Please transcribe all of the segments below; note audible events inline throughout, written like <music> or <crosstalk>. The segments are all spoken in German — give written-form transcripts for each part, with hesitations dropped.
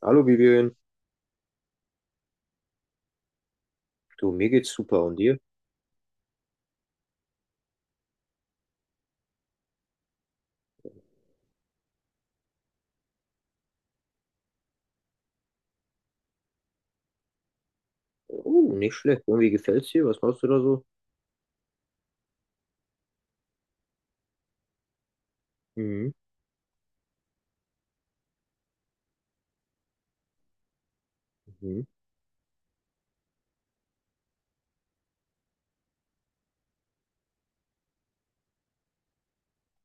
Hallo Vivian, du, mir geht's super und dir? Oh, nicht schlecht. Irgendwie gefällt's dir? Was machst du da so? Mhm, mhm.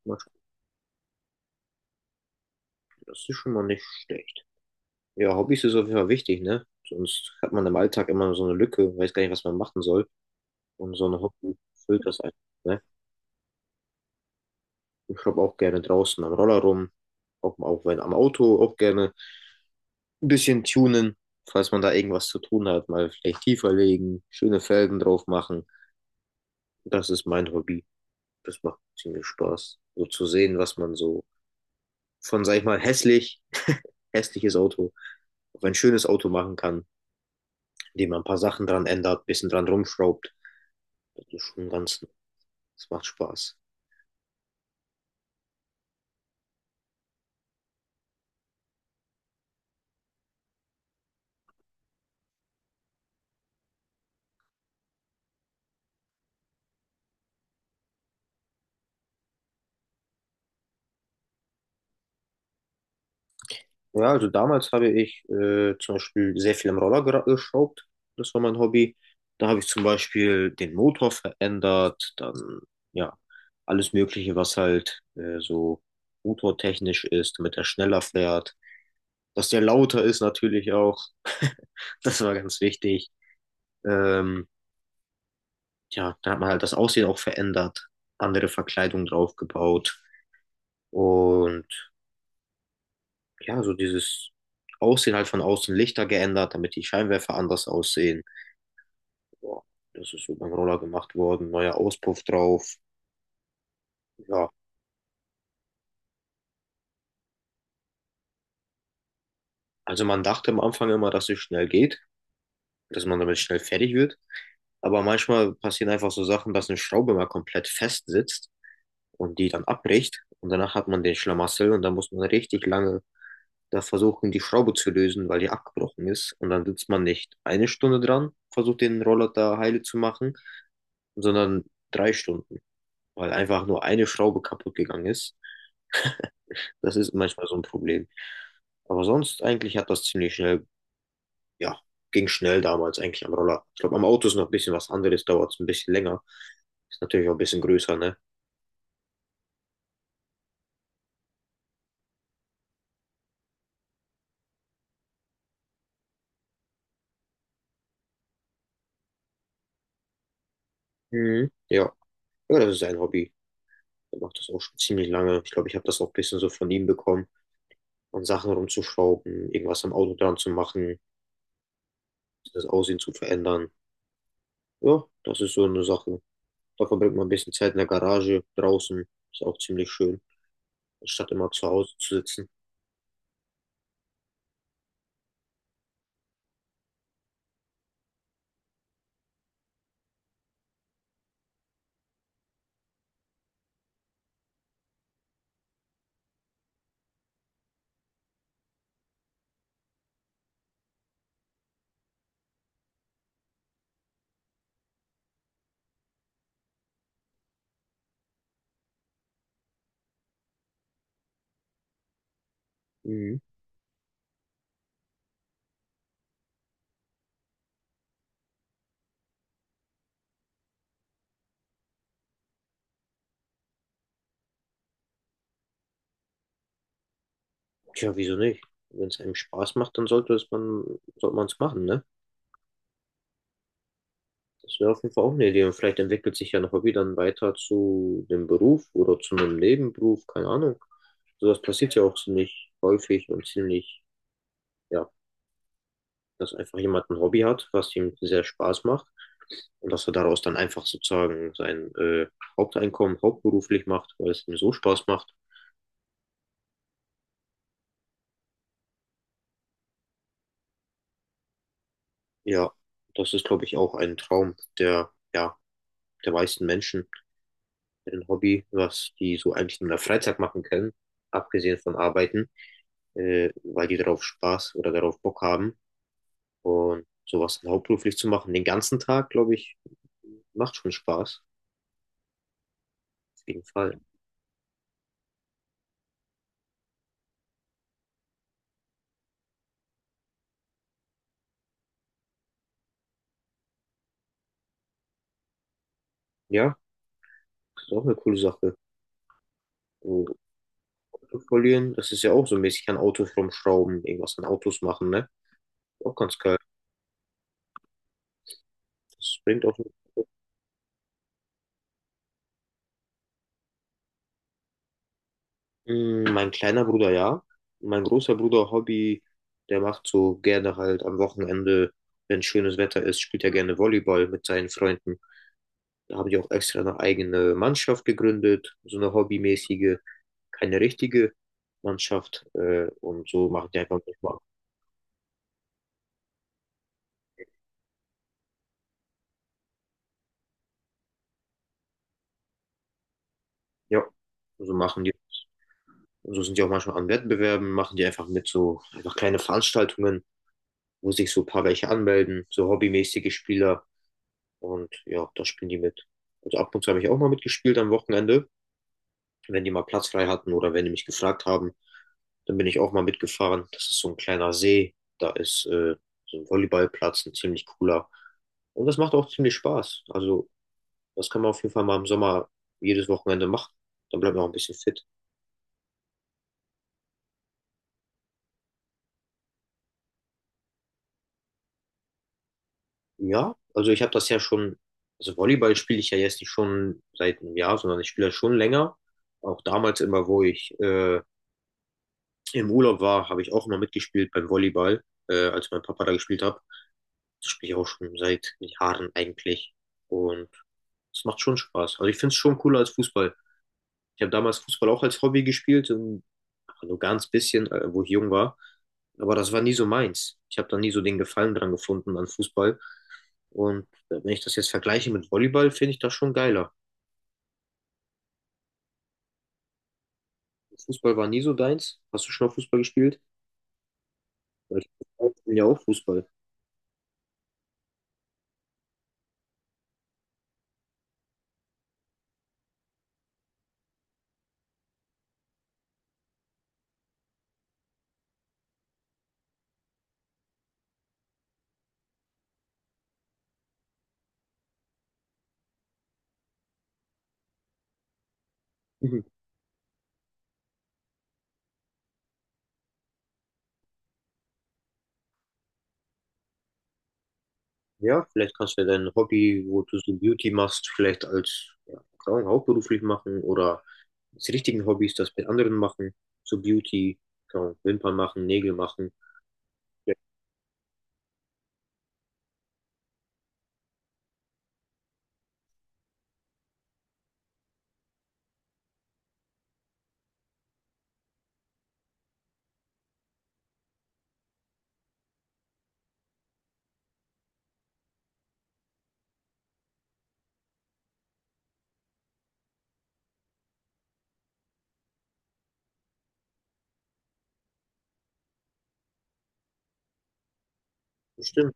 Mach- Das ist schon mal nicht schlecht. Ja, Hobbys ist auf jeden Fall wichtig, ne? Sonst hat man im Alltag immer so eine Lücke, weiß gar nicht, was man machen soll. Und so ein Hobby füllt das ein, ne? Ich schraub auch gerne draußen am Roller rum, auch wenn am Auto, auch gerne ein bisschen tunen, falls man da irgendwas zu tun hat, mal vielleicht tiefer legen, schöne Felgen drauf machen. Das ist mein Hobby. Das macht ziemlich Spaß, so zu sehen, was man so von, sag ich mal, hässliches Auto auf ein schönes Auto machen kann, indem man ein paar Sachen dran ändert, ein bisschen dran rumschraubt. Das ist schon ganz, das macht Spaß. Ja, also damals habe ich zum Beispiel sehr viel am Roller geschraubt. Das war mein Hobby. Da habe ich zum Beispiel den Motor verändert, dann ja, alles Mögliche, was halt so motortechnisch ist, damit er schneller fährt. Dass der lauter ist natürlich auch. <laughs> Das war ganz wichtig. Ähm, ja, da hat man halt das Aussehen auch verändert, andere Verkleidung draufgebaut und ja, so dieses Aussehen halt von außen Lichter geändert, damit die Scheinwerfer anders aussehen. Ja, das ist so beim Roller gemacht worden, neuer Auspuff drauf. Ja, also man dachte am Anfang immer, dass es schnell geht, dass man damit schnell fertig wird. Aber manchmal passieren einfach so Sachen, dass eine Schraube mal komplett fest sitzt und die dann abbricht. Und danach hat man den Schlamassel und dann muss man richtig lange da versuchen, die Schraube zu lösen, weil die abgebrochen ist. Und dann sitzt man nicht eine Stunde dran, versucht den Roller da heile zu machen, sondern drei Stunden, weil einfach nur eine Schraube kaputt gegangen ist. Das ist manchmal so ein Problem. Aber sonst eigentlich hat das ziemlich schnell, ja, ging schnell damals eigentlich am Roller. Ich glaube, am Auto ist noch ein bisschen was anderes, dauert es ein bisschen länger. Ist natürlich auch ein bisschen größer, ne? Mhm. Ja. Ja, das ist ein Hobby. Er macht das auch schon ziemlich lange. Ich glaube, ich habe das auch ein bisschen so von ihm bekommen. An Sachen rumzuschrauben, irgendwas am Auto dran zu machen, das Aussehen zu verändern. Ja, das ist so eine Sache. Da verbringt man ein bisschen Zeit in der Garage, draußen. Ist auch ziemlich schön, statt immer zu Hause zu sitzen. Mhm. Tja, wieso nicht? Wenn es einem Spaß macht, dann sollte man es machen, ne? Das wäre auf jeden Fall auch eine Idee. Und vielleicht entwickelt sich ja noch Hobby dann weiter zu dem Beruf oder zu einem Nebenberuf, keine Ahnung. So was passiert ja auch ziemlich häufig und ziemlich, ja, dass einfach jemand ein Hobby hat, was ihm sehr Spaß macht und dass er daraus dann einfach sozusagen sein Haupteinkommen hauptberuflich macht, weil es ihm so Spaß macht. Ja, das ist, glaube ich, auch ein Traum der, ja, der meisten Menschen, ein Hobby, was die so eigentlich nur in der Freizeit machen können, abgesehen von Arbeiten, weil die darauf Spaß oder darauf Bock haben. Und sowas dann hauptberuflich zu machen, den ganzen Tag, glaube ich, macht schon Spaß. Auf jeden Fall. Ja, das ist auch eine coole Sache. Verlieren, das ist ja auch so mäßig an Autos rumschrauben, irgendwas an Autos machen, ne? Auch ganz geil. Das bringt auch. Hm, mein kleiner Bruder, ja. Mein großer Bruder, Hobby, der macht so gerne halt am Wochenende, wenn schönes Wetter ist, spielt er gerne Volleyball mit seinen Freunden. Da habe ich auch extra eine eigene Mannschaft gegründet, so eine hobbymäßige, keine richtige Mannschaft. Und so machen die einfach manchmal. Ja, so machen die. Und so sind die auch manchmal an Wettbewerben, machen die einfach mit so einfach kleine Veranstaltungen, wo sich so ein paar welche anmelden, so hobbymäßige Spieler. Und ja, da spielen die mit. Also ab und zu habe ich auch mal mitgespielt am Wochenende, wenn die mal Platz frei hatten oder wenn die mich gefragt haben, dann bin ich auch mal mitgefahren. Das ist so ein kleiner See, da ist so ein Volleyballplatz, ein ziemlich cooler. Und das macht auch ziemlich Spaß. Also das kann man auf jeden Fall mal im Sommer jedes Wochenende machen. Dann bleibt man auch ein bisschen fit. Ja, also ich habe das ja schon, also Volleyball spiele ich ja jetzt nicht schon seit einem Jahr, sondern ich spiele das schon länger. Auch damals immer, wo ich im Urlaub war, habe ich auch immer mitgespielt beim Volleyball, als mein Papa da gespielt hat. Das spiele ich auch schon seit Jahren eigentlich. Und es macht schon Spaß. Also ich finde es schon cooler als Fußball. Ich habe damals Fußball auch als Hobby gespielt, nur ganz bisschen, wo ich jung war. Aber das war nie so meins. Ich habe da nie so den Gefallen dran gefunden an Fußball. Und wenn ich das jetzt vergleiche mit Volleyball, finde ich das schon geiler. Fußball war nie so deins. Hast du schon mal Fußball gespielt? Weil ich bin ja auch Fußball. <laughs> Ja, vielleicht kannst du ja dein Hobby, wo du so Beauty machst, vielleicht als, ja, keine Ahnung, hauptberuflich machen oder als richtigen Hobbys das mit anderen machen. So Beauty, keine Ahnung, Wimpern machen, Nägel machen. Ja, bestimmt.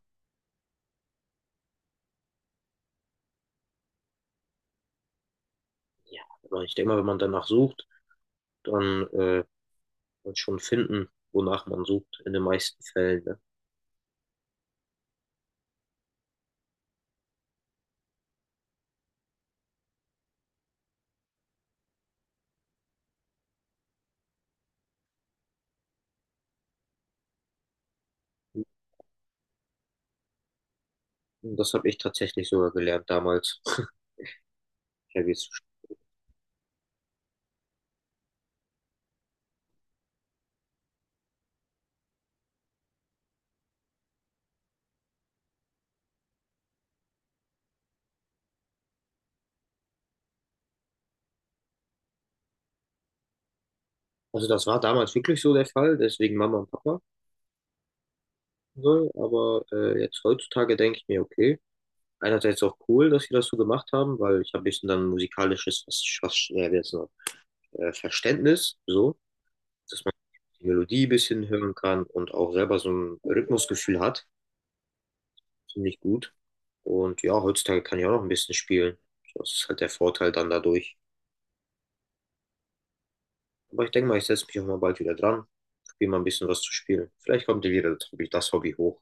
Ja, aber ich denke mal, wenn man danach sucht, dann wird schon finden, wonach man sucht, in den meisten Fällen. Ne? Und das habe ich tatsächlich sogar gelernt damals. <laughs> Ja, wie es- Also das war damals wirklich so der Fall, deswegen Mama und Papa. Ne? Aber jetzt heutzutage denke ich mir, okay, einerseits auch cool, dass sie das so gemacht haben, weil ich habe ein bisschen dann musikalisches was, was, wie jetzt noch, Verständnis, so, dass man die Melodie ein bisschen hören kann und auch selber so ein Rhythmusgefühl hat. Finde ich gut. Und ja, heutzutage kann ich auch noch ein bisschen spielen. Das ist halt der Vorteil dann dadurch. Aber ich denke mal, ich setze mich auch mal bald wieder dran, probiere mal ein bisschen was zu spielen. Vielleicht kommt dir wieder das Hobby hoch.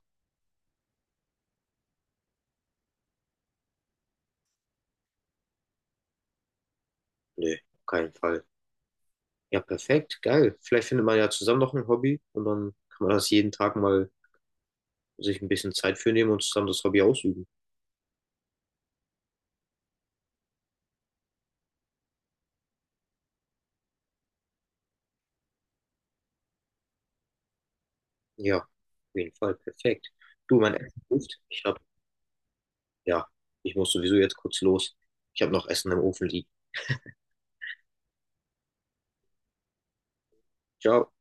Nee, auf keinen Fall. Ja, perfekt, geil. Vielleicht findet man ja zusammen noch ein Hobby und dann kann man das jeden Tag mal sich ein bisschen Zeit für nehmen und zusammen das Hobby ausüben. Ja, auf jeden Fall, perfekt. Du, mein Essen ruft. Ja, ich muss sowieso jetzt kurz los. Ich habe noch Essen im Ofen liegen. Ciao.